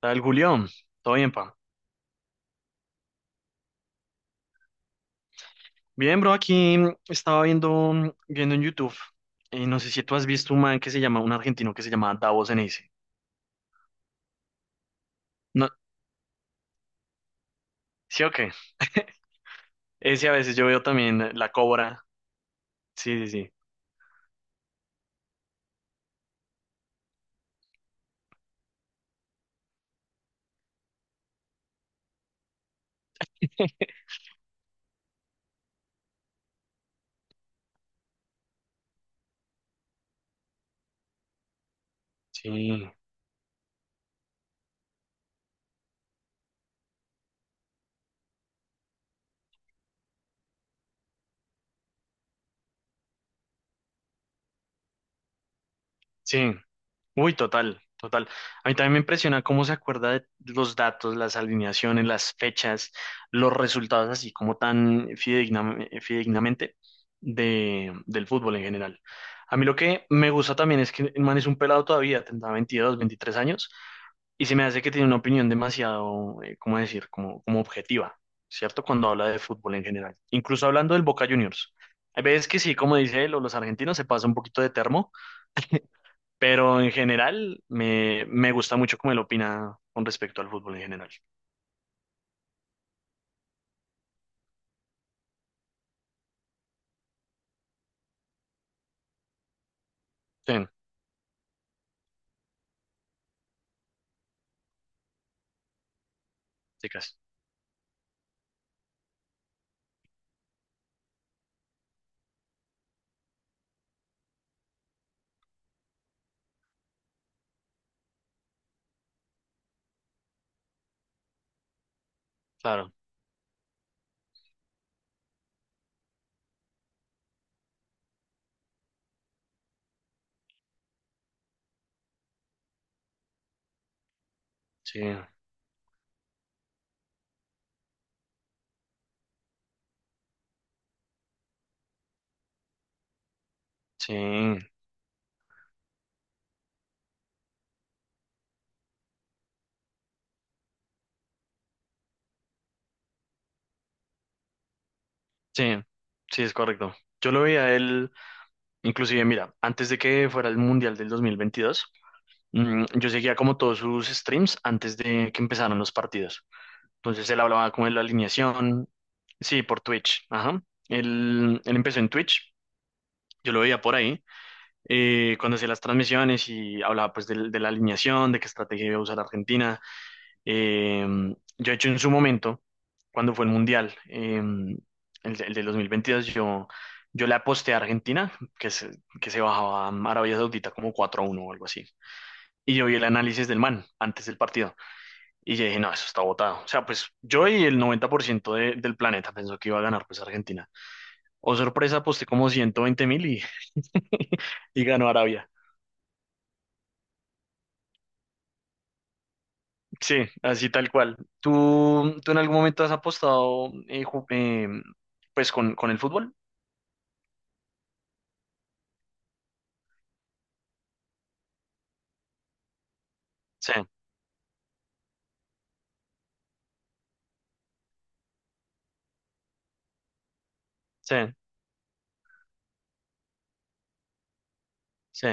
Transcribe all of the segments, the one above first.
Tal Julián, todo bien, pa. Bien, bro, aquí estaba viendo, viendo en YouTube, y no sé si tú has visto un man que se llama, un argentino que se llama Davos Ceneice. No, ¿sí o qué? Ese a veces yo veo también La Cobra. Sí, sí, sí. Sí, sí. Uy, total, total. A mí también me impresiona cómo se acuerda de los datos, las alineaciones, las fechas, los resultados, así como tan fidedigna fidedignamente del fútbol en general. A mí lo que me gusta también es que el man es un pelado todavía, tendrá 22 23 años, y se me hace que tiene una opinión demasiado, ¿cómo decir?, como objetiva, ¿cierto? Cuando habla de fútbol en general. Incluso hablando del Boca Juniors. Hay veces que sí, como dice él, o los argentinos se pasa un poquito de termo pero en general me gusta mucho cómo él opina con respecto al fútbol en general. Sí, chicas, claro. Sí, sí, sí, sí, es correcto. Yo lo veía a él, inclusive, mira, antes de que fuera el Mundial del 2022, yo seguía como todos sus streams antes de que empezaran los partidos. Entonces él hablaba como de la alineación, sí, por Twitch, ajá. Él empezó en Twitch, yo lo veía por ahí cuando hacía las transmisiones y hablaba pues la alineación, de qué estrategia iba a usar Argentina. Eh, yo he hecho en su momento, cuando fue el Mundial, el del 2022, yo le aposté a Argentina, que se, que se bajaba a Arabia Saudita como 4-1 o algo así. Y yo vi el análisis del man antes del partido. Y yo dije, no, eso está botado. O sea, pues yo y el 90% del planeta pensó que iba a ganar pues Argentina. O sorpresa, aposté como 120.000 y ganó Arabia. Sí, así tal cual. ¿Tú en algún momento has apostado pues con el fútbol? Sí, sí, sí.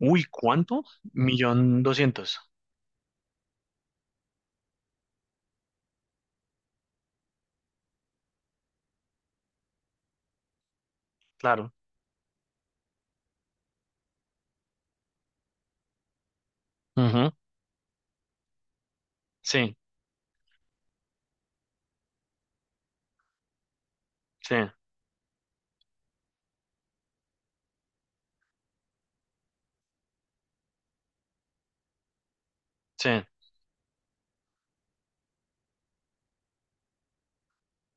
Uy, ¿cuánto? 1.200.000, claro. Ujú. Sí, sí, sí.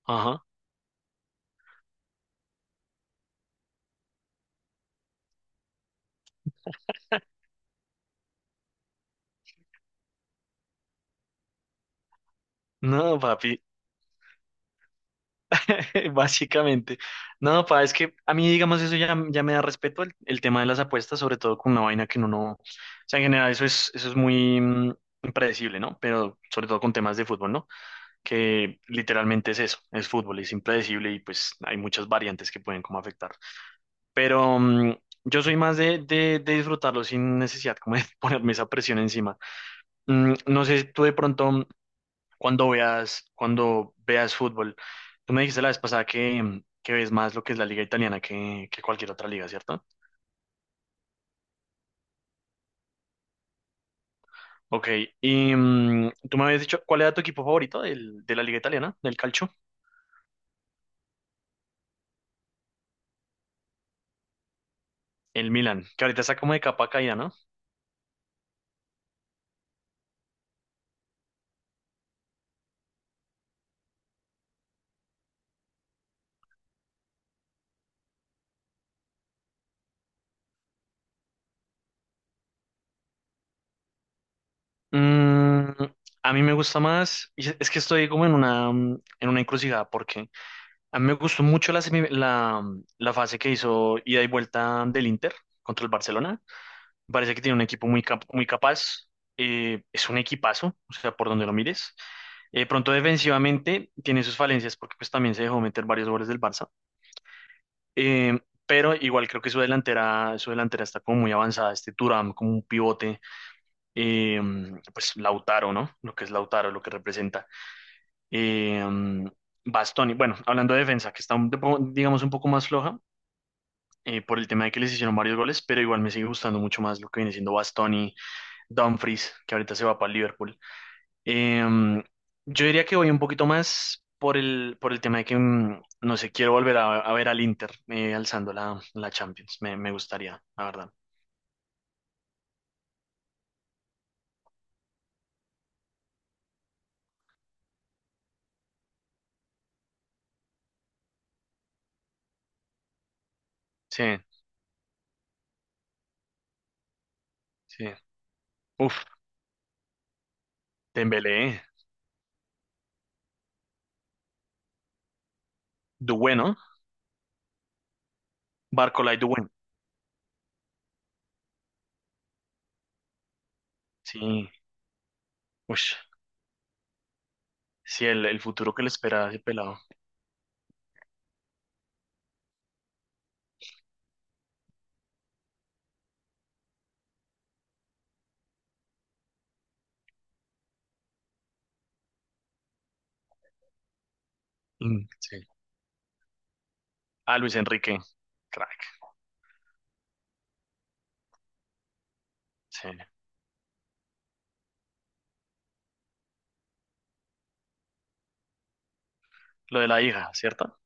Ajá. No, papi, básicamente. No, pa, es que a mí, digamos, eso ya me da respeto el tema de las apuestas, sobre todo con una vaina que uno no. O sea, en general, eso es muy impredecible, ¿no? Pero sobre todo con temas de fútbol, ¿no? Que literalmente es eso, es fútbol, es impredecible y pues hay muchas variantes que pueden como afectar. Pero yo soy más de disfrutarlo sin necesidad como de ponerme esa presión encima. No sé, tú de pronto cuando veas fútbol, tú me dijiste la vez pasada que ves más lo que es la liga italiana que cualquier otra liga, ¿cierto? Ok, y tú me habías dicho, ¿cuál era tu equipo favorito de la liga italiana, del calcio? El Milan, que ahorita está como de capa caída, ¿no? Mm, a mí me gusta más, y es que estoy como en una, en una encrucijada, porque a mí me gustó mucho la fase que hizo ida y vuelta del Inter contra el Barcelona. Me parece que tiene un equipo muy capaz, es un equipazo, o sea, por donde lo mires. Pronto defensivamente tiene sus falencias porque pues también se dejó meter varios goles del Barça. Eh, pero igual creo que su delantera está como muy avanzada, este Thuram como un pivote eh, pues Lautaro, ¿no? Lo que es Lautaro, lo que representa. Eh, Bastoni, bueno, hablando de defensa, que está, digamos, un poco más floja por el tema de que les hicieron varios goles, pero igual me sigue gustando mucho más lo que viene siendo Bastoni, Dumfries, que ahorita se va para el Liverpool. Eh, yo diría que voy un poquito más por por el tema de no sé, quiero volver a ver al Inter alzando la Champions. Me gustaría, la verdad. Sí, sí. Uf, Dembélé, Dué, ¿no? Barcola y Dué. Sí, ush, sí, el futuro que le espera a ese pelado. Mm, sí. Ah, Luis Enrique, crack, sí. Lo de la hija, ¿cierto?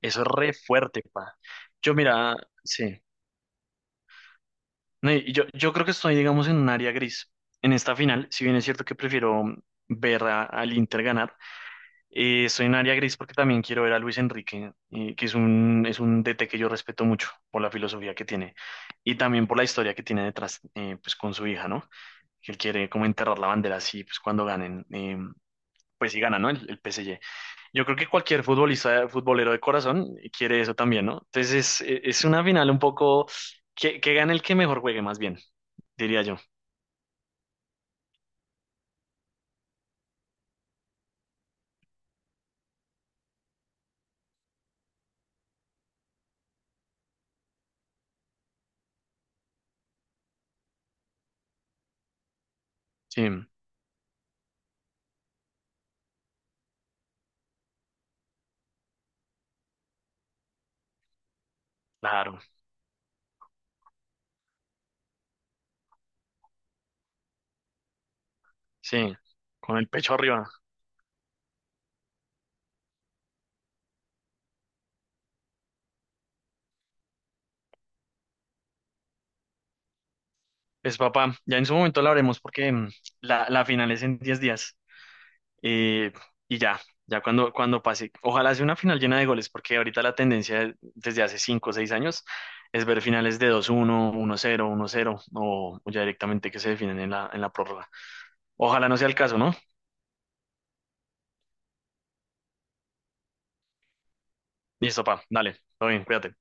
Eso es re fuerte, pa. Yo, mira, sí. No, y yo creo que estoy, digamos, en un área gris. En esta final, si bien es cierto que prefiero ver al Inter ganar, estoy en un área gris porque también quiero ver a Luis Enrique, que es es un DT que yo respeto mucho por la filosofía que tiene y también por la historia que tiene detrás, pues con su hija, ¿no? Que quiere como enterrar la bandera así, pues cuando ganen, pues si gana, ¿no? El PSG. Yo creo que cualquier futbolista, futbolero de corazón quiere eso también, ¿no? Entonces es una final un poco que gane el que mejor juegue, más bien, diría yo. Sí, claro, sí, con el pecho arriba. Pues papá, ya en su momento la haremos porque la final es en 10 días. Eh, y ya cuando, cuando pase, ojalá sea una final llena de goles, porque ahorita la tendencia desde hace 5 o 6 años es ver finales de 2-1 1-0 1-0 o ya directamente que se definen en en la prórroga. Ojalá no sea el caso, ¿no? Listo, pa, dale, todo bien, cuídate.